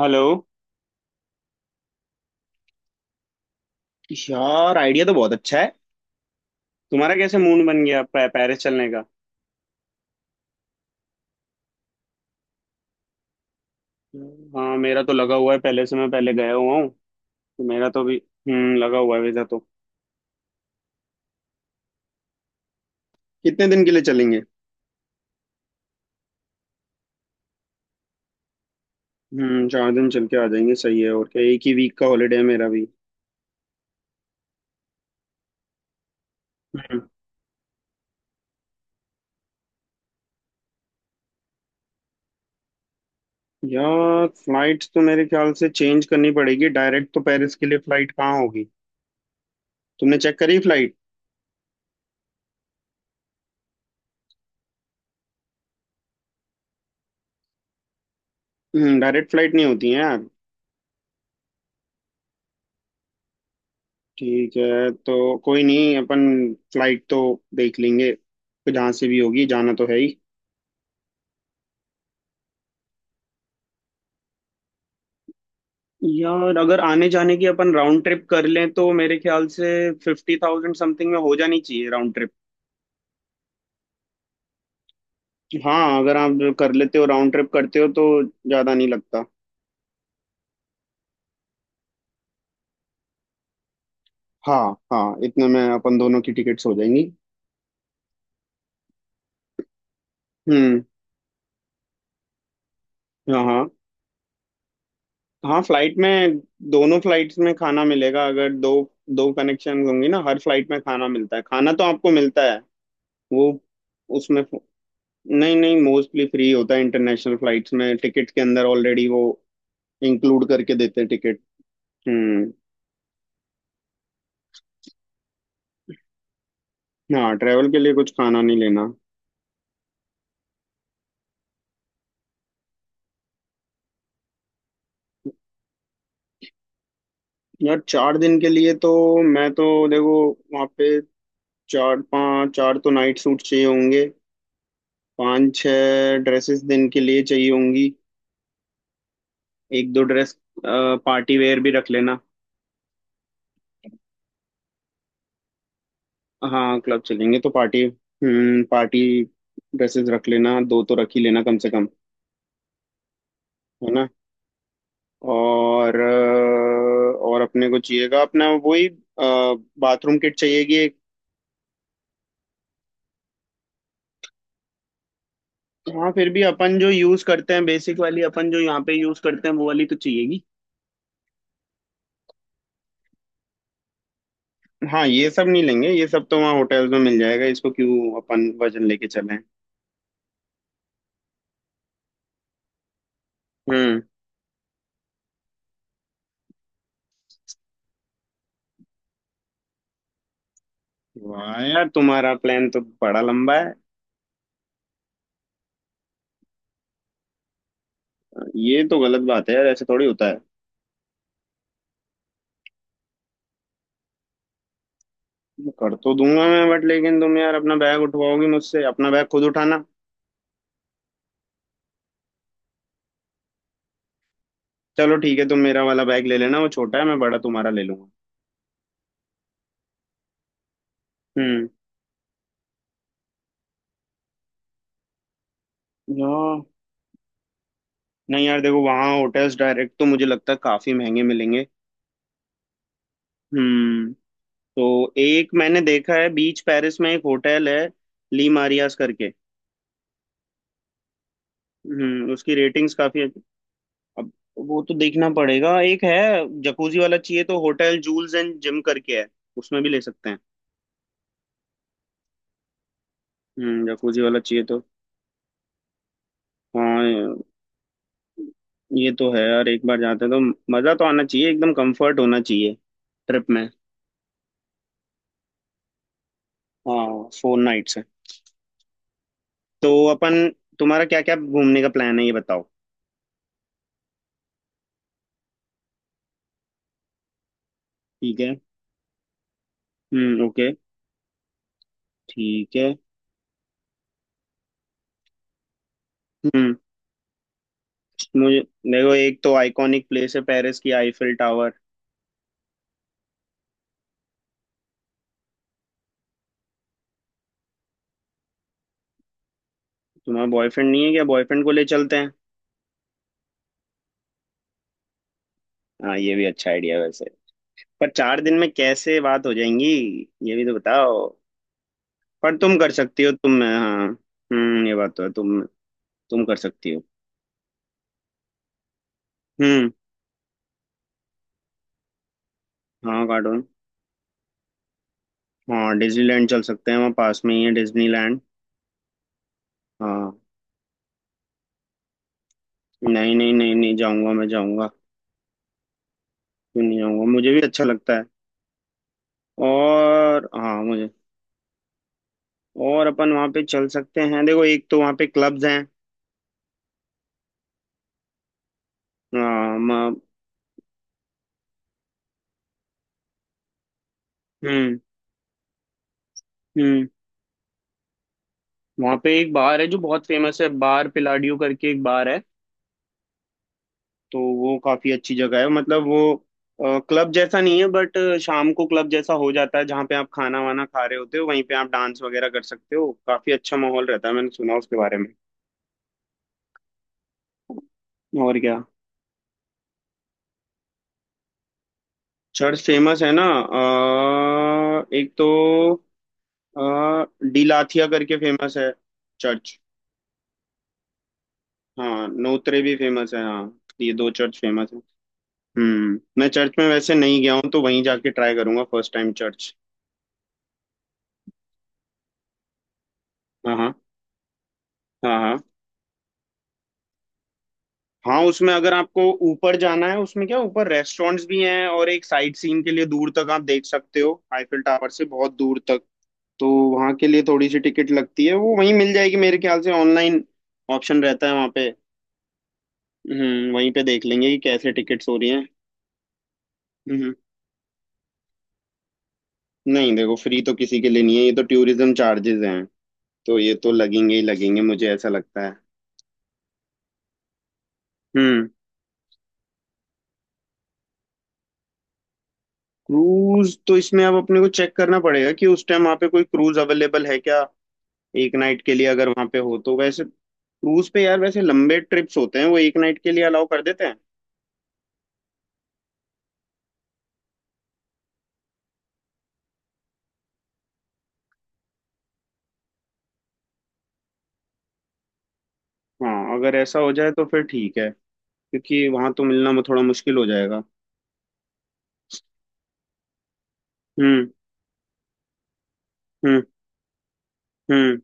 Hello. यार, idea तो बहुत अच्छा है। तुम्हारा कैसे मूड बन गया पेरिस चलने का? हाँ, मेरा तो लगा हुआ है पहले से, मैं पहले गया हुआ हूँ। तो मेरा तो भी। हम्म, लगा हुआ है वीजा तो। कितने दिन के लिए चलेंगे? हम्म, 4 दिन चल के आ जाएंगे। सही है, और क्या, एक ही वीक का हॉलीडे है मेरा भी। हम्म, यार, फ्लाइट तो मेरे ख्याल से चेंज करनी पड़ेगी। डायरेक्ट तो पेरिस के लिए फ्लाइट कहाँ होगी। तुमने चेक करी फ्लाइट? हम्म, डायरेक्ट फ्लाइट नहीं होती है यार। ठीक है, तो कोई नहीं, अपन फ्लाइट तो देख लेंगे। तो जहाँ से भी होगी, जाना तो है ही। यार, अगर आने जाने की अपन राउंड ट्रिप कर लें तो मेरे ख्याल से 50,000 समथिंग में हो जानी चाहिए राउंड ट्रिप। हाँ, अगर आप कर लेते हो, राउंड ट्रिप करते हो तो ज्यादा नहीं लगता। हाँ हाँ, इतने में अपन दोनों की टिकट्स हो जाएंगी। हम्म। हाँ हाँ हाँ, फ्लाइट में दोनों फ्लाइट्स में खाना मिलेगा। अगर दो दो कनेक्शन होंगी ना, हर फ्लाइट में खाना मिलता है, खाना तो आपको मिलता है। वो उसमें नहीं नहीं, मोस्टली फ्री होता है इंटरनेशनल फ्लाइट्स में। टिकट के अंदर ऑलरेडी वो इंक्लूड करके देते हैं टिकट। हम्म। हाँ, ट्रेवल के लिए कुछ खाना नहीं लेना। यार चार दिन के लिए तो, मैं तो देखो वहाँ पे चार तो नाइट सूट चाहिए होंगे। पाँच छः ड्रेसेस दिन के लिए चाहिए होंगी। एक दो ड्रेस, पार्टी वेयर भी रख लेना। हाँ, क्लब चलेंगे तो पार्टी। हम्म, पार्टी ड्रेसेस रख लेना, दो तो रख ही लेना कम से कम है। और अपने को चाहिएगा अपना वही बाथरूम किट, चाहिएगी एक। हाँ, फिर भी अपन जो यूज करते हैं बेसिक वाली, अपन जो यहाँ पे यूज करते हैं वो वाली तो चाहिएगी। हाँ, ये सब नहीं लेंगे, ये सब तो वहाँ होटल्स में मिल जाएगा। इसको क्यों अपन वजन लेके चलें। हम्म। वाह यार, तुम्हारा प्लान तो बड़ा लंबा है। ये तो गलत बात है यार, ऐसे थोड़ी होता है। कर तो दूंगा मैं, बट लेकिन तुम यार अपना बैग उठवाओगी मुझसे? अपना बैग खुद उठाना। चलो ठीक है, तुम मेरा वाला बैग ले लेना, वो छोटा है, मैं बड़ा तुम्हारा ले लूंगा। हम्म। ना, नहीं यार देखो, वहाँ होटल्स डायरेक्ट तो मुझे लगता है काफी महंगे मिलेंगे। हम्म। तो एक मैंने देखा है, बीच पेरिस में एक होटल है, ली मारियास करके। हम्म, उसकी रेटिंग्स काफी अब वो तो देखना पड़ेगा। एक है, जकूजी वाला चाहिए तो होटल जूल्स एंड जिम करके है, उसमें भी ले सकते हैं। हम्म, जकूजी वाला चाहिए तो। हाँ, ये तो है यार, एक बार जाते हैं तो मजा तो आना चाहिए, एकदम कंफर्ट होना चाहिए ट्रिप में। हाँ, 4 नाइट्स। तो अपन, तुम्हारा क्या क्या घूमने का प्लान है, ये बताओ? ठीक है। हम्म, ओके। ठीक है। हम्म, मुझे देखो, एक तो आइकॉनिक प्लेस है पेरिस की, आईफिल टावर। तुम्हारा बॉयफ्रेंड नहीं है क्या? बॉयफ्रेंड को ले चलते हैं। हाँ, ये भी अच्छा आइडिया है वैसे। पर चार दिन में कैसे बात हो जाएंगी, ये भी तो बताओ। पर तुम कर सकती हो तुम, हाँ। हम्म, ये बात तो है, तुम कर सकती हो। हम्म। हाँ कार्टून, हाँ डिज्नीलैंड चल सकते हैं, वहाँ पास में ही है डिज्नीलैंड। हाँ। नहीं नहीं नहीं नहीं, जाऊंगा मैं, जाऊंगा। क्यों नहीं आऊंगा, मुझे भी अच्छा लगता है। और हाँ मुझे, और अपन वहाँ पे चल सकते हैं, देखो एक तो वहाँ पे क्लब्स हैं। हाँ, हम्म। हम्म, वहाँ पे एक बार है जो बहुत फेमस है, बार पिलाडियो करके एक बार है। तो वो काफी अच्छी जगह है, मतलब वो क्लब जैसा नहीं है, बट शाम को क्लब जैसा हो जाता है। जहाँ पे आप खाना वाना खा रहे होते हो, वहीं पे आप डांस वगैरह कर सकते हो। काफी अच्छा माहौल रहता है, मैंने सुना उसके बारे में। और क्या, चर्च फेमस है ना। एक तो आ, डिलाथिया करके फेमस है चर्च। हाँ, नोत्रे भी फेमस है। हाँ, ये दो चर्च फेमस है। हम्म, मैं चर्च में वैसे नहीं गया हूँ, तो वहीं जाके ट्राई करूंगा फर्स्ट टाइम चर्च। हाँ हाँ। हाँ हाँ, हाँ उसमें अगर आपको ऊपर जाना है, उसमें क्या ऊपर रेस्टोरेंट्स भी हैं। और एक साइट सीन के लिए दूर तक आप देख सकते हो आईफिल टावर से, बहुत दूर तक। तो वहाँ के लिए थोड़ी सी टिकट लगती है, वो वहीं मिल जाएगी, मेरे ख्याल से ऑनलाइन ऑप्शन रहता है वहाँ पे। हम्म, वहीं पे देख लेंगे कि कैसे टिकट्स हो रही हैं। हम्म, नहीं देखो, फ्री तो किसी के लिए नहीं है, ये तो टूरिज्म चार्जेस हैं। तो ये तो लगेंगे ही लगेंगे, मुझे ऐसा लगता है। हम्म। क्रूज तो इसमें अब अपने को चेक करना पड़ेगा कि उस टाइम वहाँ पे कोई क्रूज अवेलेबल है क्या। 1 नाइट के लिए अगर वहाँ पे हो तो, वैसे क्रूज पे यार वैसे लंबे ट्रिप्स होते हैं, वो एक नाइट के लिए अलाउ कर देते हैं। हाँ, अगर ऐसा हो जाए तो फिर ठीक है। क्योंकि वहाँ तो मिलना वो थोड़ा मुश्किल हो जाएगा। हम्म। हम्म। हम्म।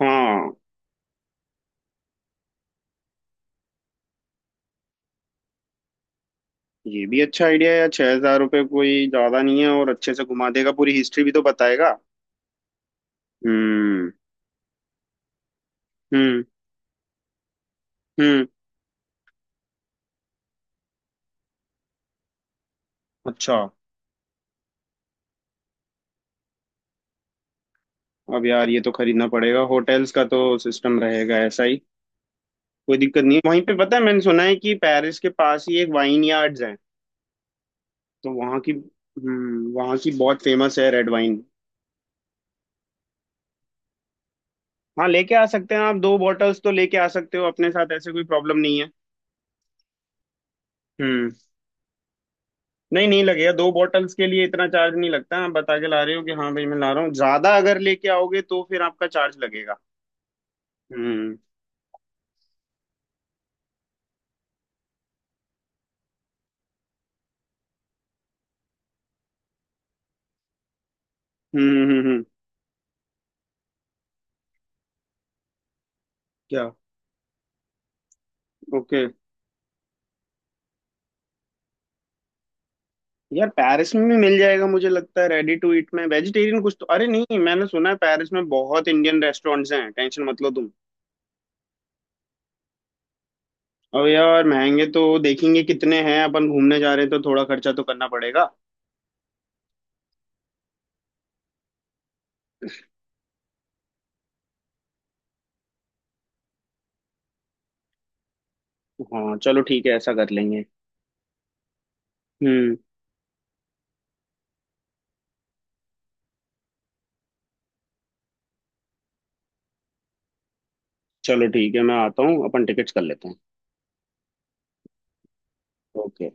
हाँ, ये भी अच्छा आइडिया है यार, 6,000 रुपये कोई ज्यादा नहीं है, और अच्छे से घुमा देगा, पूरी हिस्ट्री भी तो बताएगा। हम्म। हम्म। हम्म। अच्छा, अब यार ये तो खरीदना पड़ेगा, होटल्स का तो सिस्टम रहेगा ऐसा ही। कोई दिक्कत नहीं है। वहीं पे पता है, मैंने सुना है कि पेरिस के पास ही एक वाइन यार्ड्स है। तो वहाँ की, वहाँ की बहुत फेमस है रेड वाइन। हाँ, लेके आ सकते हैं, आप दो बॉटल्स तो लेके आ सकते हो अपने साथ, ऐसे कोई प्रॉब्लम नहीं है। हम्म, नहीं नहीं लगेगा, दो बॉटल्स के लिए इतना चार्ज नहीं लगता। आप बता के ला रहे हो कि हाँ भाई मैं ला रहा हूँ, ज्यादा अगर लेके आओगे तो फिर आपका चार्ज लगेगा। हम्म। हम्म। हम्म। क्या? ओके। यार पेरिस में भी मिल जाएगा मुझे लगता है, रेडी टू ईट में वेजिटेरियन कुछ तो। अरे नहीं, मैंने सुना है पेरिस में बहुत इंडियन रेस्टोरेंट्स हैं, टेंशन मत लो तुम। अब यार महंगे तो देखेंगे कितने हैं, अपन घूमने जा रहे हैं तो थोड़ा खर्चा तो करना पड़ेगा। हाँ चलो ठीक है, ऐसा कर लेंगे। हम्म, चलो ठीक है मैं आता हूँ, अपन टिकट्स कर लेते हैं। ओके।